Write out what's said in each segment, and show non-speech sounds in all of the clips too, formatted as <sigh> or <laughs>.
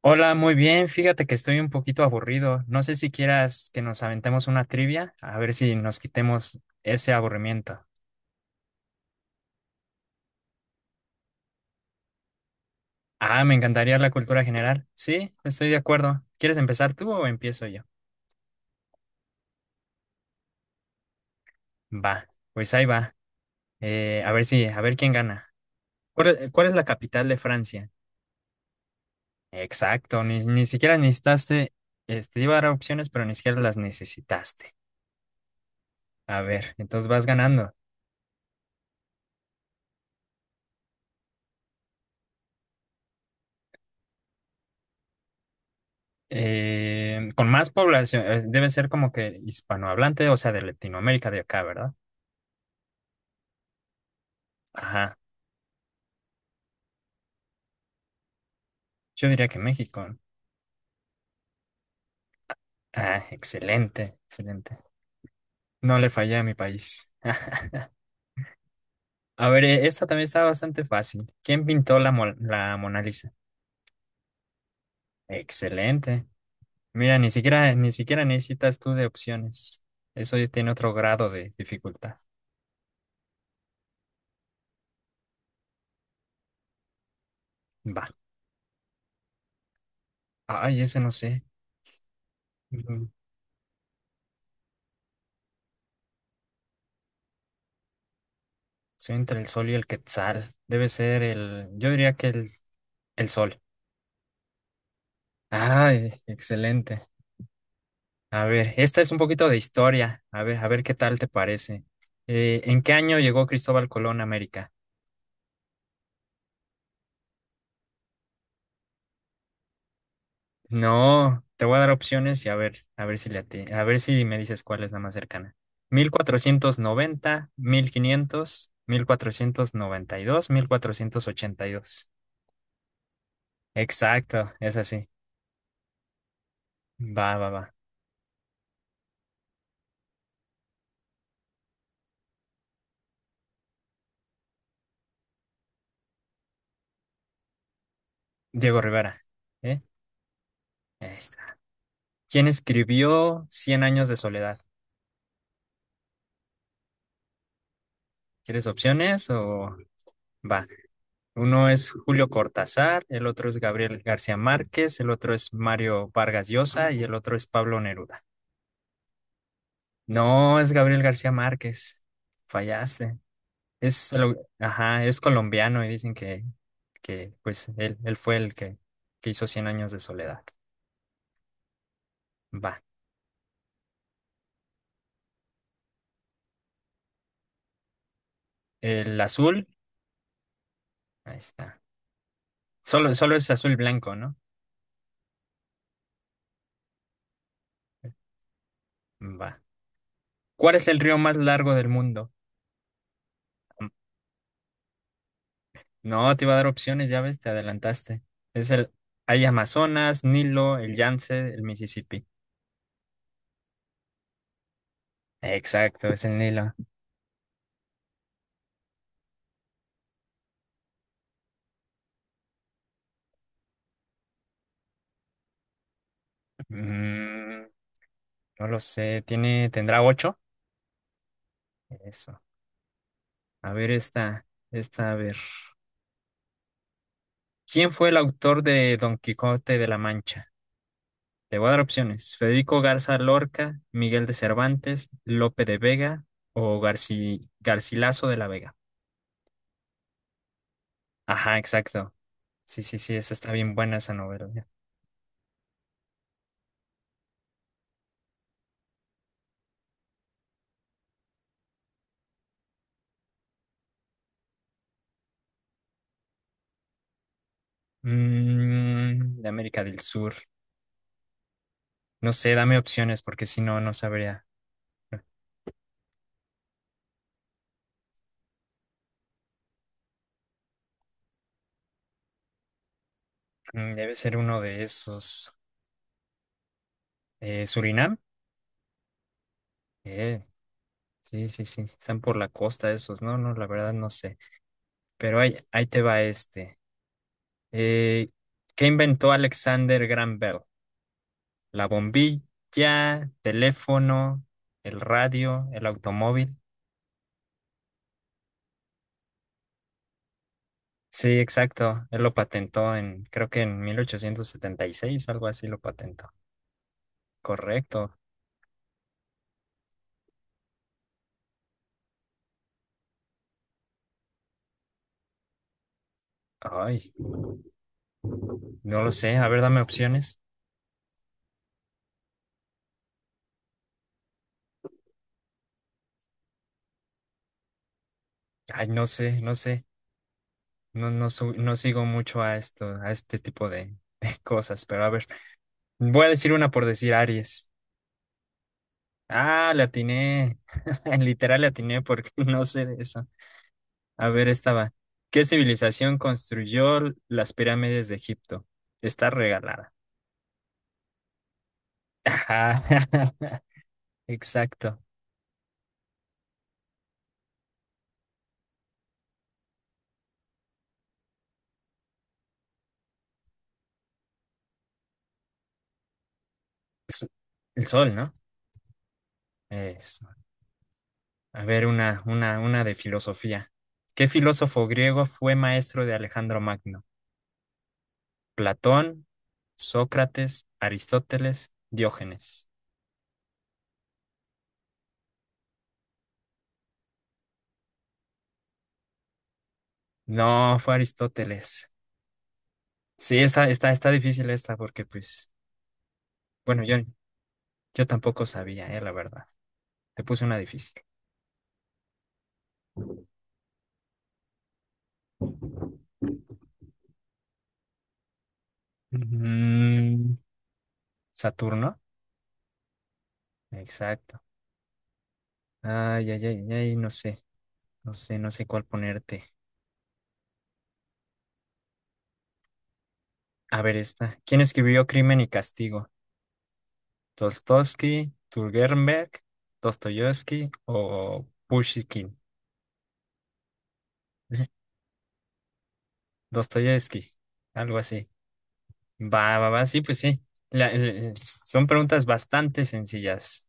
Hola, muy bien. Fíjate que estoy un poquito aburrido. No sé si quieras que nos aventemos una trivia, a ver si nos quitemos ese aburrimiento. Ah, me encantaría la cultura general. Sí, estoy de acuerdo. ¿Quieres empezar tú o empiezo yo? Va, pues ahí va. A ver si, a ver quién gana. ¿ Cuál es la capital de Francia? Exacto, ni siquiera necesitaste, iba a dar opciones, pero ni siquiera las necesitaste. A ver, entonces vas ganando. Con más población, debe ser como que hispanohablante, o sea, de Latinoamérica de acá, ¿verdad? Ajá, yo diría que México. Ah, excelente, excelente. No le fallé a mi país. <laughs> A ver, esta también está bastante fácil. ¿Quién pintó la Mona Lisa? Excelente. Mira, ni siquiera necesitas tú de opciones. Eso ya tiene otro grado de dificultad. Va. Ay, ese no sé. Mm, Soy entre el sol y el quetzal. Debe ser yo diría que el sol. Ah, excelente. A ver, esta es un poquito de historia. A ver qué tal te parece. ¿En qué año llegó Cristóbal Colón a América? No, te voy a dar opciones y a ver si le ati- a ver si me dices cuál es la más cercana. Mil mil mil quinientos, mil cuatrocientos noventa quinientos, y dos, 1482. Exacto, es así. Va, va, va. Diego Rivera. ¿Eh? Ahí está. ¿Quién escribió Cien años de soledad? ¿Quieres opciones o va? Uno es Julio Cortázar, el otro es Gabriel García Márquez, el otro es Mario Vargas Llosa y el otro es Pablo Neruda. No, es Gabriel García Márquez. Fallaste. Ajá, es colombiano y dicen que pues él fue el que hizo Cien años de soledad. Va. El azul, ahí está. Solo es azul blanco, ¿no? Va. ¿Cuál es el río más largo del mundo? No, te iba a dar opciones, ya ves, te adelantaste. Es el, hay Amazonas, Nilo, el Yance, el Mississippi. Exacto, es el Nilo. Mm, no lo sé, tiene, ¿tendrá ocho? Eso. A ver esta, a ver. ¿Quién fue el autor de Don Quijote de la Mancha? Te voy a dar opciones. Federico Garza Lorca, Miguel de Cervantes, Lope de Vega o Garcilaso de la Vega. Ajá, exacto. Sí, sí, sí, esa está bien buena esa novela. De América del Sur. No sé, dame opciones porque si no, no sabría. Debe ser uno de esos. Surinam. Eh, sí, sí, sí. Están por la costa esos. No, no, la verdad no sé. Pero ahí te va este. Eh, ¿Qué inventó Alexander Graham Bell? La bombilla, teléfono, el radio, el automóvil. Sí, exacto. Él lo patentó en, creo que en 1876, algo así lo patentó. Correcto. Ay. No lo sé, a ver, dame opciones. Ay, no sé, no sé. No, no, no sigo mucho a esto, a este tipo de cosas, pero a ver, voy a decir una por decir Aries. Ah, le atiné. <laughs> Literal le atiné porque <laughs> no sé de eso. A ver, estaba. ¿Qué civilización construyó las pirámides de Egipto? Está regalada. <laughs> Ajá, <laughs> Exacto. El sol, ¿no? Es. A ver, una de filosofía. ¿Qué filósofo griego fue maestro de Alejandro Magno? ¿Platón, Sócrates, Aristóteles, Diógenes? No, fue Aristóteles. Sí, está difícil esta porque, pues, bueno, yo tampoco sabía, la verdad. Te puse una difícil. Mm, Saturno, exacto. Ay, ay, ay, ay, no sé, no sé cuál ponerte. A ver, esta. ¿Quién escribió Crimen y Castigo? Dostoevsky, Turgenberg, Dostoyevsky o Pushkin. Sí, Dostoyevsky, algo así. Va, va, va, sí, pues sí. Son preguntas bastante sencillas.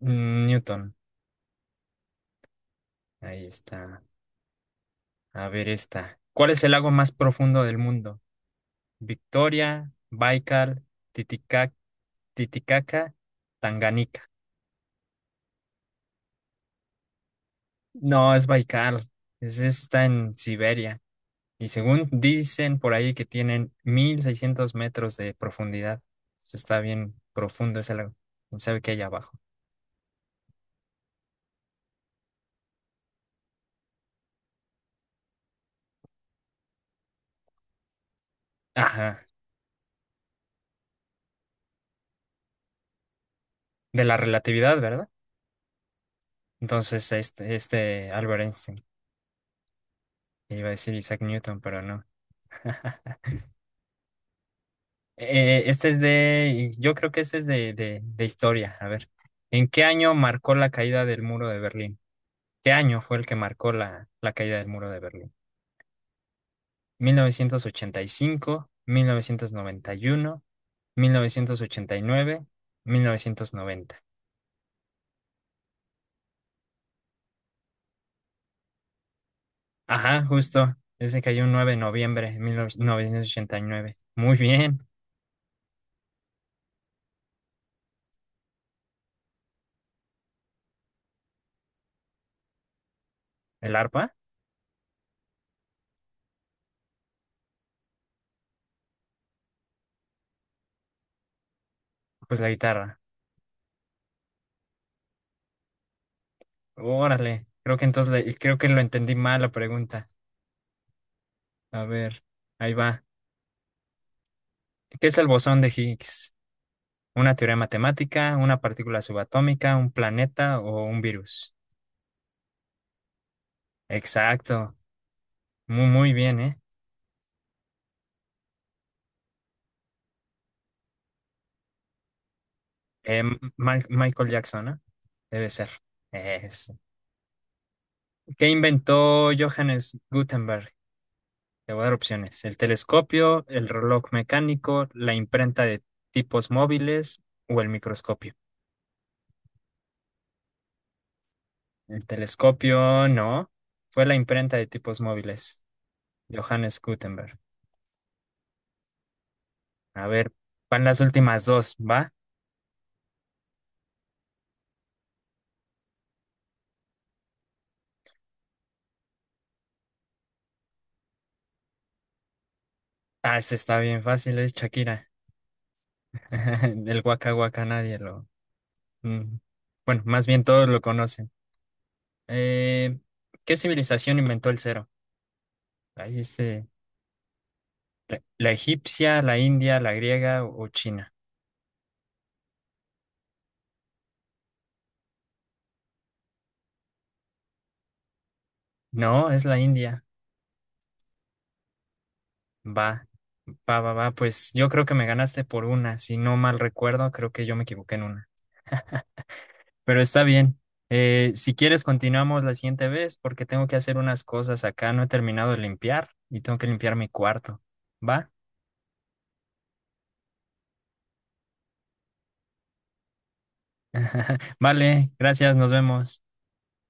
Newton, ahí está. A ver esta. ¿Cuál es el lago más profundo del mundo? Victoria, Baikal, Titicaca, Titicaca, Tanganica. No, es Baikal. Ese está en Siberia. Y según dicen por ahí que tienen 1600 metros de profundidad. Entonces, está bien profundo ese lago. ¿Quién sabe qué hay abajo? Ajá, de la relatividad, ¿verdad? Entonces, este Albert Einstein, que iba a decir Isaac Newton, pero no. <laughs> Este es de, yo creo que este es de, historia. A ver, ¿en qué año marcó la caída del muro de Berlín? ¿Qué año fue el que marcó la caída del muro de Berlín? ¿1985, 1991, mil novecientos ochenta y nueve, 1990? Ajá, justo. Ese cayó un 9 de noviembre de 1989. Muy bien. ¿El arpa? Pues la guitarra. Órale. Creo que entonces creo que lo entendí mal la pregunta. A ver, ahí va. ¿Qué es el bosón de Higgs? ¿Una teoría matemática, una partícula subatómica, un planeta o un virus? Exacto. Muy, muy bien, ¿eh? Eh, Michael Jackson, ¿eh? Debe ser. Es ¿Qué inventó Johannes Gutenberg? Te voy a dar opciones. El telescopio, el reloj mecánico, la imprenta de tipos móviles o el microscopio. El telescopio no, fue la imprenta de tipos móviles. Johannes Gutenberg. A ver, van las últimas dos, ¿va? Ah, este está bien fácil, es Shakira. <laughs> El Waka Waka nadie lo... mm, Bueno, más bien todos lo conocen. Eh, ¿Qué civilización inventó el cero? Ahí este... La egipcia, la india, la griega o china. No, es la india. Va, va, va, va. Pues yo creo que me ganaste por una. Si no mal recuerdo, creo que yo me equivoqué en una. Pero está bien. Si quieres, continuamos la siguiente vez porque tengo que hacer unas cosas acá. No he terminado de limpiar y tengo que limpiar mi cuarto. ¿Va? <laughs> Vale, gracias, nos vemos.